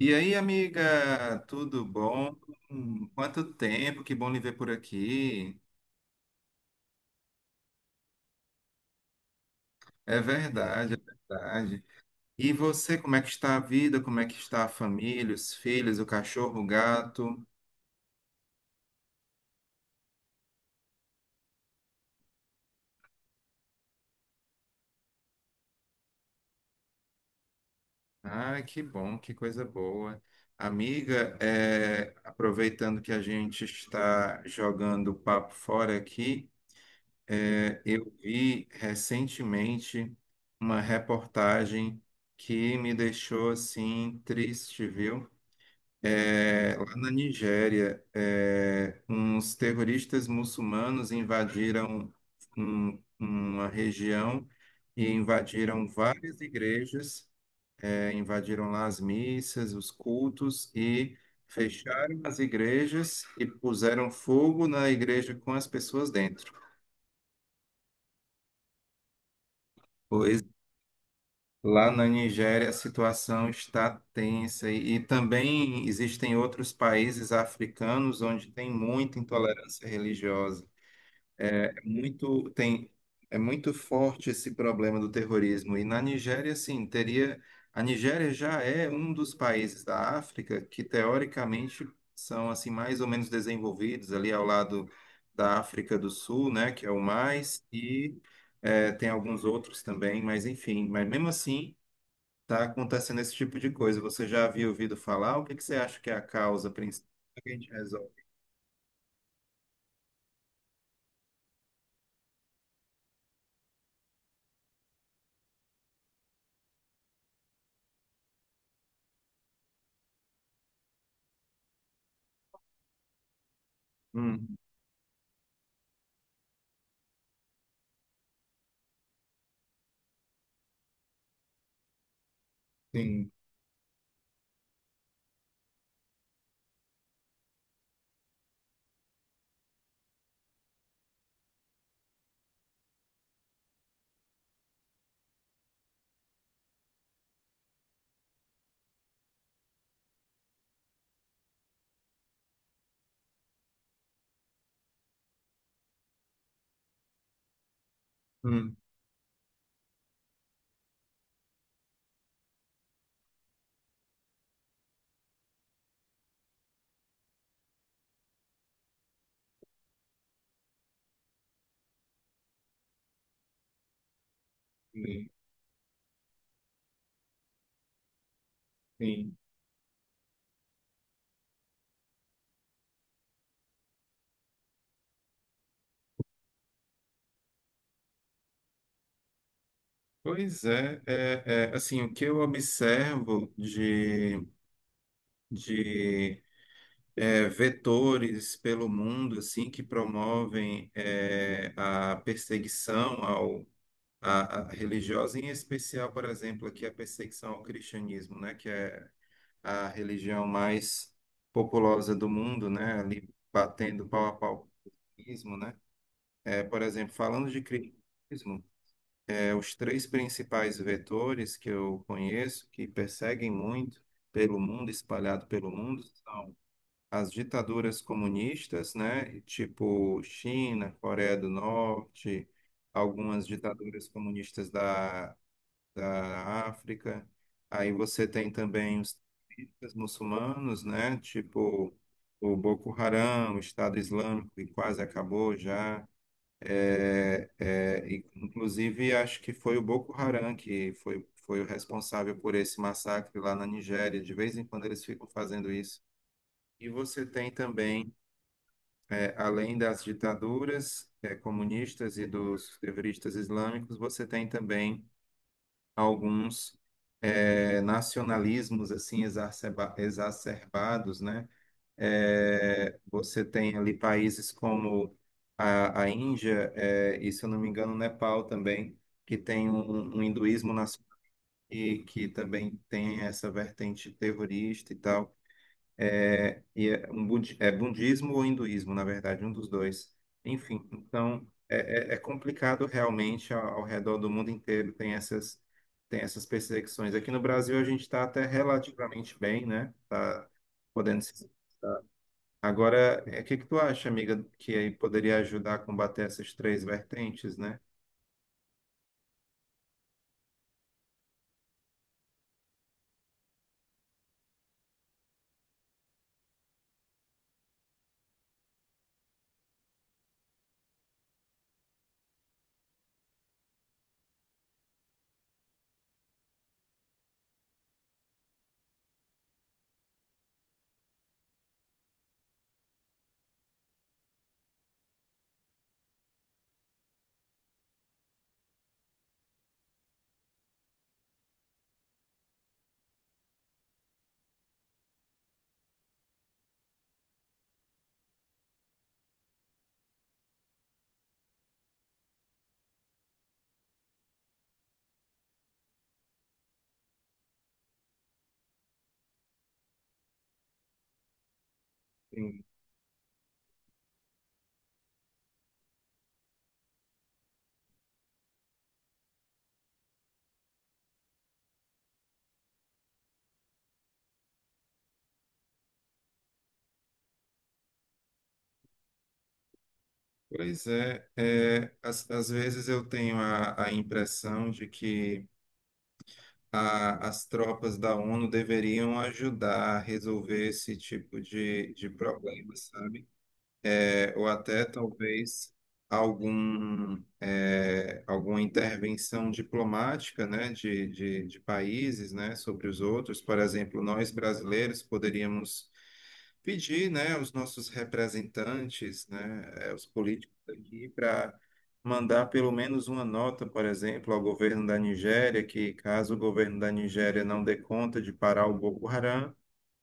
E aí, amiga, tudo bom? Quanto tempo, que bom lhe ver por aqui. É verdade, é verdade. E você, como é que está a vida? Como é que está a família, os filhos, o cachorro, o gato? Ai, que bom, que coisa boa. Amiga, aproveitando que a gente está jogando o papo fora aqui, eu vi recentemente uma reportagem que me deixou assim triste, viu? Lá na Nigéria, uns terroristas muçulmanos invadiram uma região e invadiram várias igrejas, invadiram lá as missas, os cultos e fecharam as igrejas e puseram fogo na igreja com as pessoas dentro. Pois lá na Nigéria a situação está tensa e também existem outros países africanos onde tem muita intolerância religiosa. É muito tem É muito forte esse problema do terrorismo, e na Nigéria sim teria a Nigéria já é um dos países da África que teoricamente são assim mais ou menos desenvolvidos, ali ao lado da África do Sul, né, que é o mais, e tem alguns outros também, mas enfim, mas mesmo assim está acontecendo esse tipo de coisa. Você já havia ouvido falar? O que que você acha que é a causa principal? Como é que a gente resolve? Hum, sim, hum, sim, sim. Pois é, assim, o que eu observo de, de vetores pelo mundo, assim, que promovem a perseguição ao, à religiosa, em especial, por exemplo, aqui a perseguição ao cristianismo, né, que é a religião mais populosa do mundo, né, ali batendo pau a pau com o cristianismo, né, por exemplo, falando de cristianismo. É, os três principais vetores que eu conheço, que perseguem muito pelo mundo, espalhado pelo mundo, são as ditaduras comunistas, né? Tipo China, Coreia do Norte, algumas ditaduras comunistas da, da África. Aí você tem também os terroristas muçulmanos, né? Tipo o Boko Haram, o Estado Islâmico, que quase acabou já. E, inclusive, acho que foi o Boko Haram que foi o responsável por esse massacre lá na Nigéria. De vez em quando eles ficam fazendo isso. E você tem também, além das ditaduras, comunistas e dos terroristas islâmicos, você tem também alguns, nacionalismos assim exacerbados, né? É, você tem ali países como a Índia, e, se eu não me engano, o Nepal também, que tem um hinduísmo nas, e que também tem essa vertente terrorista e tal. É, um budismo ou hinduísmo, na verdade, um dos dois. Enfim, então é complicado. Realmente ao redor do mundo inteiro tem essas perseguições. Aqui no Brasil a gente está até relativamente bem, né? Tá podendo se Agora, o que que tu acha, amiga, que aí poderia ajudar a combater essas três vertentes, né? Sim. Pois é, às vezes eu tenho a impressão de que as tropas da ONU deveriam ajudar a resolver esse tipo de problema, sabe? É, ou até talvez alguma intervenção diplomática, né, de países, né, sobre os outros. Por exemplo, nós brasileiros poderíamos pedir, né, os nossos representantes, né, os políticos aqui, para mandar pelo menos uma nota, por exemplo, ao governo da Nigéria, que caso o governo da Nigéria não dê conta de parar o Boko Haram,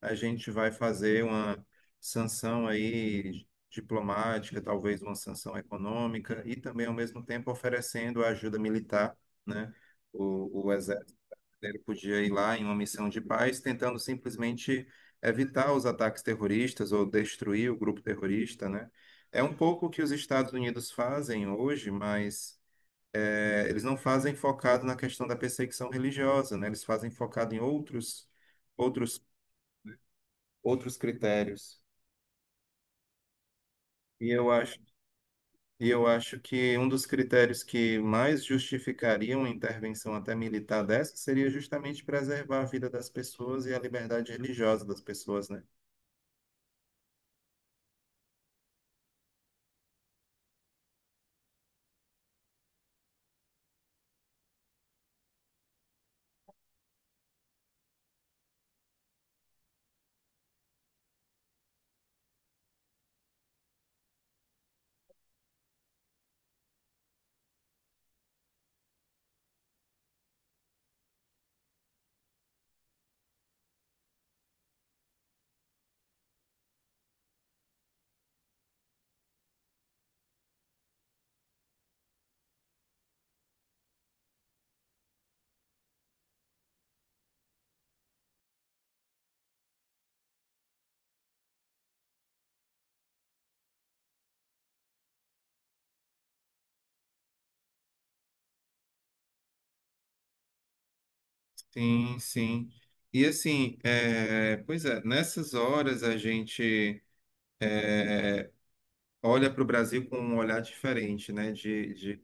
a gente vai fazer uma sanção aí diplomática, talvez uma sanção econômica, e também, ao mesmo tempo, oferecendo ajuda militar, né? O exército brasileiro podia ir lá em uma missão de paz, tentando simplesmente evitar os ataques terroristas ou destruir o grupo terrorista, né? É um pouco o que os Estados Unidos fazem hoje, mas eles não fazem focado na questão da perseguição religiosa, né? Eles fazem focado em outros, outros critérios. E eu acho, e eu acho que um dos critérios que mais justificaria uma intervenção até militar dessa seria justamente preservar a vida das pessoas e a liberdade religiosa das pessoas, né? Sim, sim. E assim, pois é, nessas horas a gente olha para o Brasil com um olhar diferente, né? De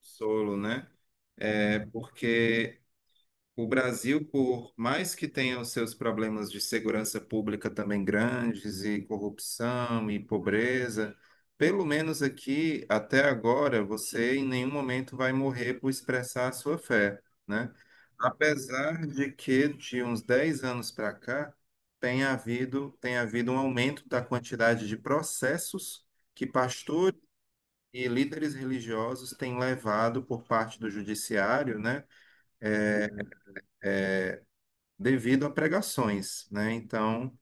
solo, né? É porque O Brasil, por mais que tenha os seus problemas de segurança pública também grandes, e corrupção e pobreza, pelo menos aqui, até agora, você em nenhum momento vai morrer por expressar a sua fé, né? Apesar de que, de uns 10 anos para cá, tem havido um aumento da quantidade de processos que pastores e líderes religiosos têm levado por parte do judiciário, né? Devido a pregações, né? Então,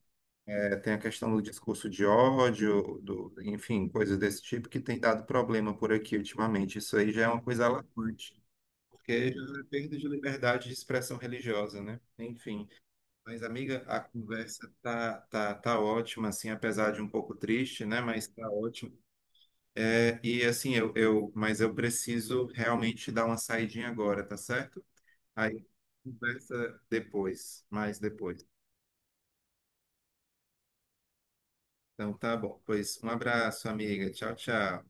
tem a questão do discurso de ódio, do, enfim, coisas desse tipo que tem dado problema por aqui ultimamente. Isso aí já é uma coisa alarmante, porque já é perda de liberdade de expressão religiosa, né? Enfim. Mas, amiga, a conversa tá, ótima, assim, apesar de um pouco triste, né? Mas tá ótimo. É, e assim, mas eu preciso realmente dar uma saidinha agora, tá certo? Aí conversa depois, mais depois. Então tá bom. Pois um abraço, amiga. Tchau, tchau.